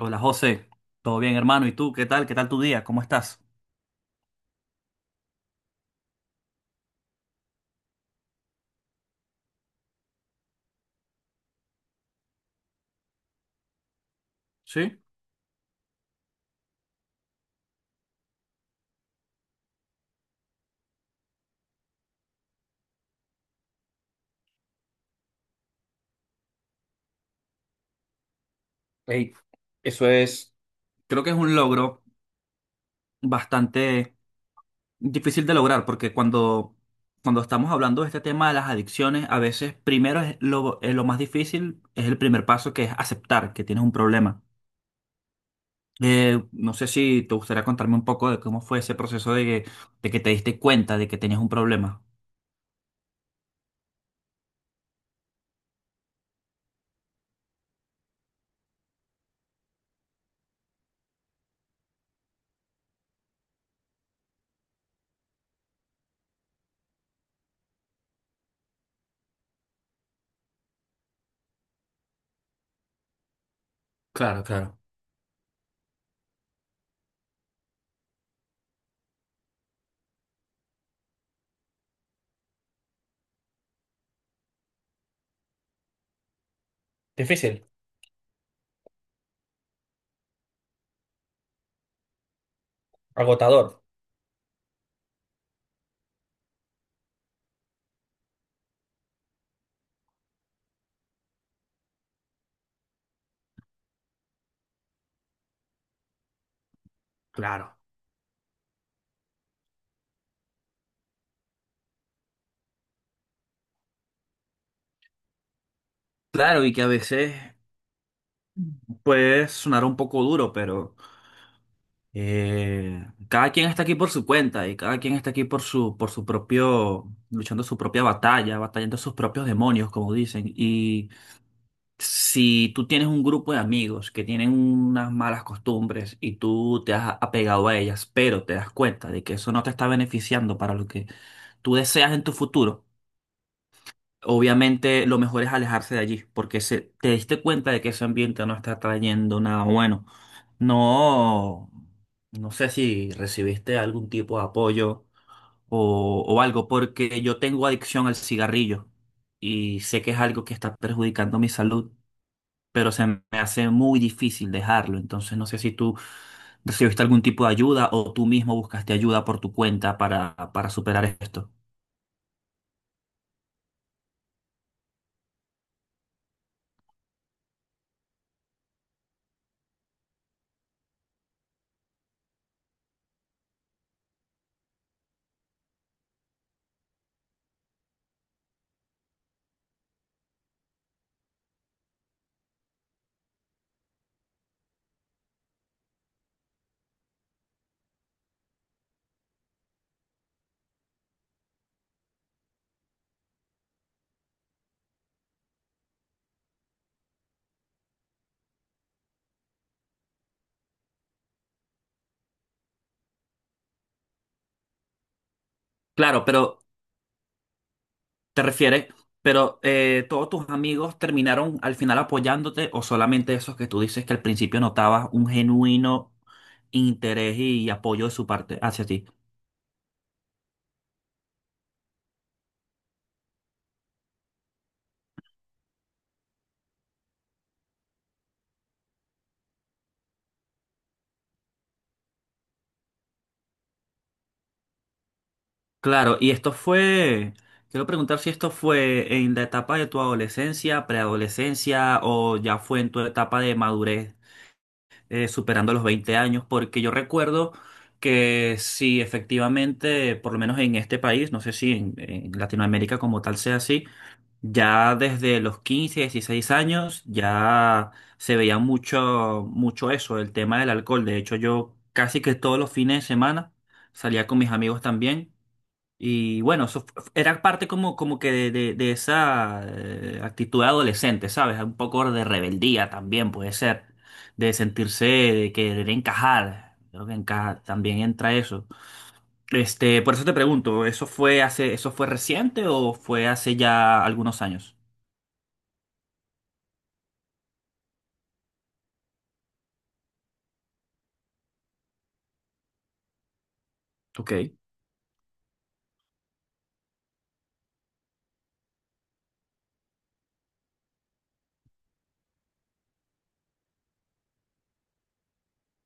Hola José, ¿todo bien hermano? ¿Y tú? ¿Qué tal? ¿Qué tal tu día? ¿Cómo estás? Sí. Ey, eso es, creo que es un logro bastante difícil de lograr porque cuando estamos hablando de este tema de las adicciones, a veces primero es lo más difícil, es el primer paso que es aceptar que tienes un problema. No sé si te gustaría contarme un poco de cómo fue ese proceso de que te diste cuenta de que tenías un problema. Claro, claro. Difícil, agotador. Claro. Claro, y que a veces puede sonar un poco duro, pero cada quien está aquí por su cuenta y cada quien está aquí por por su propio, luchando su propia batalla, batallando sus propios demonios, como dicen. Y si tú tienes un grupo de amigos que tienen unas malas costumbres y tú te has apegado a ellas, pero te das cuenta de que eso no te está beneficiando para lo que tú deseas en tu futuro, obviamente lo mejor es alejarse de allí, porque se, te diste cuenta de que ese ambiente no está trayendo nada bueno. No, no sé si recibiste algún tipo de apoyo o algo, porque yo tengo adicción al cigarrillo y sé que es algo que está perjudicando mi salud, pero se me hace muy difícil dejarlo. Entonces no sé si tú recibiste algún tipo de ayuda o tú mismo buscaste ayuda por tu cuenta para superar esto. Claro, pero te refieres, pero todos tus amigos terminaron al final apoyándote o solamente esos que tú dices que al principio notabas un genuino interés y apoyo de su parte hacia ti. Claro, y esto fue, quiero preguntar si esto fue en la etapa de tu adolescencia, preadolescencia o ya fue en tu etapa de madurez, superando los 20 años, porque yo recuerdo que sí, efectivamente, por lo menos en este país, no sé si en Latinoamérica como tal sea así, ya desde los 15, 16 años ya se veía mucho, mucho eso, el tema del alcohol. De hecho, yo casi que todos los fines de semana salía con mis amigos también. Y bueno, era parte como, como que de esa actitud de adolescente, ¿sabes? Un poco de rebeldía también puede ser, de sentirse, de querer encajar. Creo que encaja, también entra eso. Por eso te pregunto, ¿eso fue hace, eso fue reciente o fue hace ya algunos años? Ok.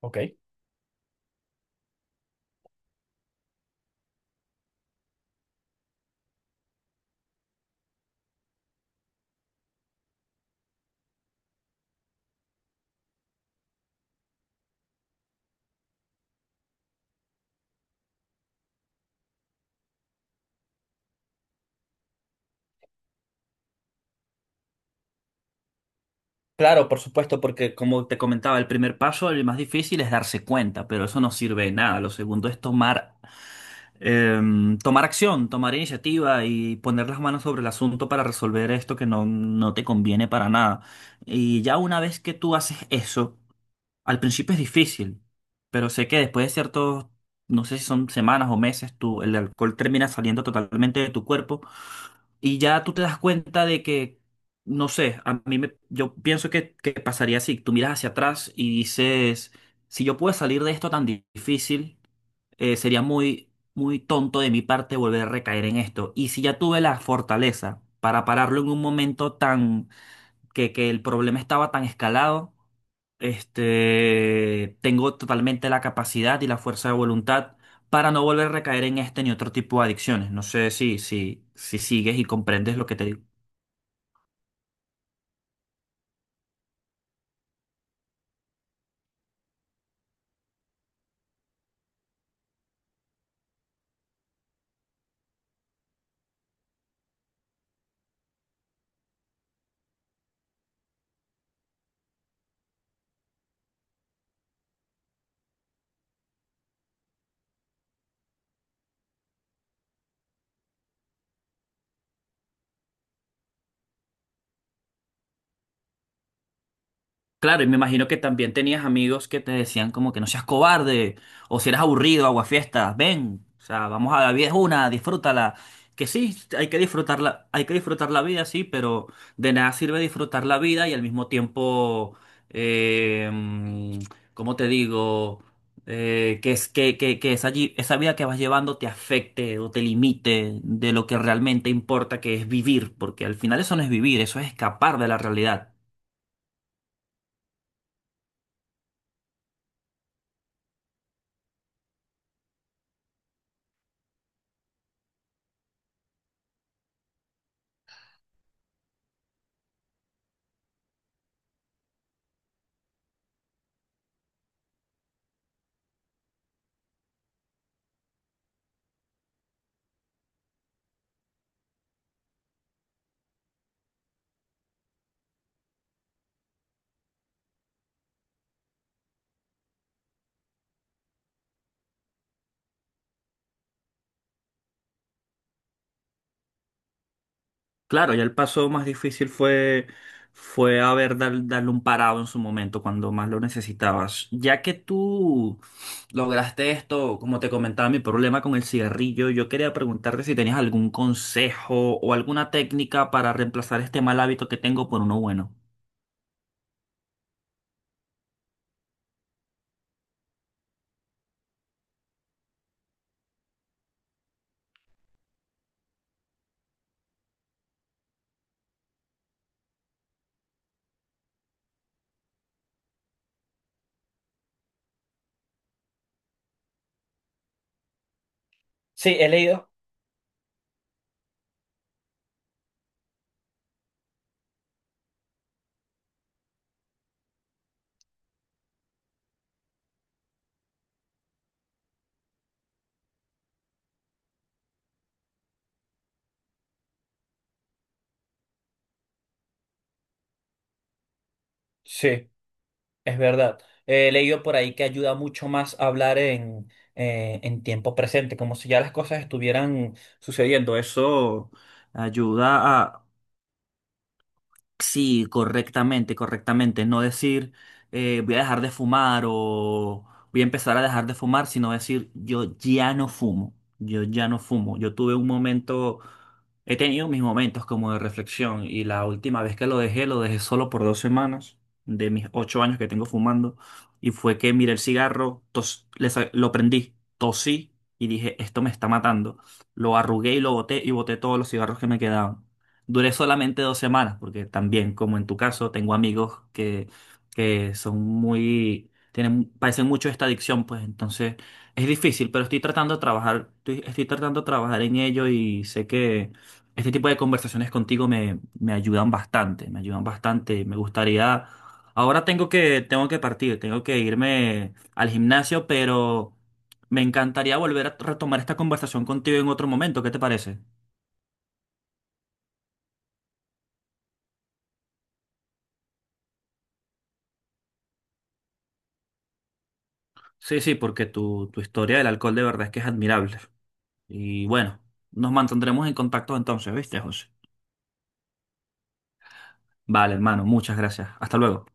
¿Ok? Claro, por supuesto, porque como te comentaba, el primer paso, el más difícil, es darse cuenta, pero eso no sirve de nada. Lo segundo es tomar, tomar acción, tomar iniciativa y poner las manos sobre el asunto para resolver esto que no, no te conviene para nada. Y ya una vez que tú haces eso, al principio es difícil, pero sé que después de ciertos, no sé si son semanas o meses, tú, el alcohol termina saliendo totalmente de tu cuerpo. Y ya tú te das cuenta de que, no sé, a mí me, yo pienso que pasaría así, tú miras hacia atrás y dices, si yo puedo salir de esto tan difícil, sería muy, muy tonto de mi parte volver a recaer en esto. Y si ya tuve la fortaleza para pararlo en un momento tan, que el problema estaba tan escalado, tengo totalmente la capacidad y la fuerza de voluntad para no volver a recaer en este ni otro tipo de adicciones. No sé si sigues y comprendes lo que te digo. Claro, y me imagino que también tenías amigos que te decían como que no seas cobarde, o si eres aburrido, aguafiestas, ven, o sea, vamos, a la vida es una, disfrútala. Que sí, hay que disfrutarla, hay que disfrutar la vida, sí, pero de nada sirve disfrutar la vida y al mismo tiempo, eh, mm, ¿cómo te digo? Que esa, esa vida que vas llevando te afecte o te limite de lo que realmente importa, que es vivir, porque al final eso no es vivir, eso es escapar de la realidad. Claro, ya el paso más difícil fue, fue haber darle un parado en su momento, cuando más lo necesitabas. Ya que tú lograste esto, como te comentaba, mi problema con el cigarrillo, yo quería preguntarte si tenías algún consejo o alguna técnica para reemplazar este mal hábito que tengo por uno bueno. Sí, he leído. Sí, es verdad. He leído por ahí que ayuda mucho más a hablar en tiempo presente, como si ya las cosas estuvieran sucediendo. Eso ayuda a, sí, correctamente, correctamente. No decir voy a dejar de fumar o voy a empezar a dejar de fumar, sino decir yo ya no fumo, yo ya no fumo. Yo tuve un momento, he tenido mis momentos como de reflexión y la última vez que lo dejé solo por 2 semanas de mis 8 años que tengo fumando y fue que miré el cigarro, lo prendí, tosí y dije, esto me está matando. Lo arrugué y lo boté y boté todos los cigarros que me quedaban. Duré solamente 2 semanas, porque también, como en tu caso, tengo amigos que son muy, tienen, padecen mucho esta adicción, pues entonces es difícil, pero estoy tratando de trabajar, estoy tratando de trabajar en ello y sé que este tipo de conversaciones contigo me ayudan bastante, me ayudan bastante. Me gustaría, ahora tengo que partir, tengo que irme al gimnasio, pero me encantaría volver a retomar esta conversación contigo en otro momento, ¿qué te parece? Sí, sí, porque tu historia del alcohol de verdad es que es admirable. Y bueno, nos mantendremos en contacto entonces, ¿viste, José? Vale, hermano, muchas gracias. Hasta luego.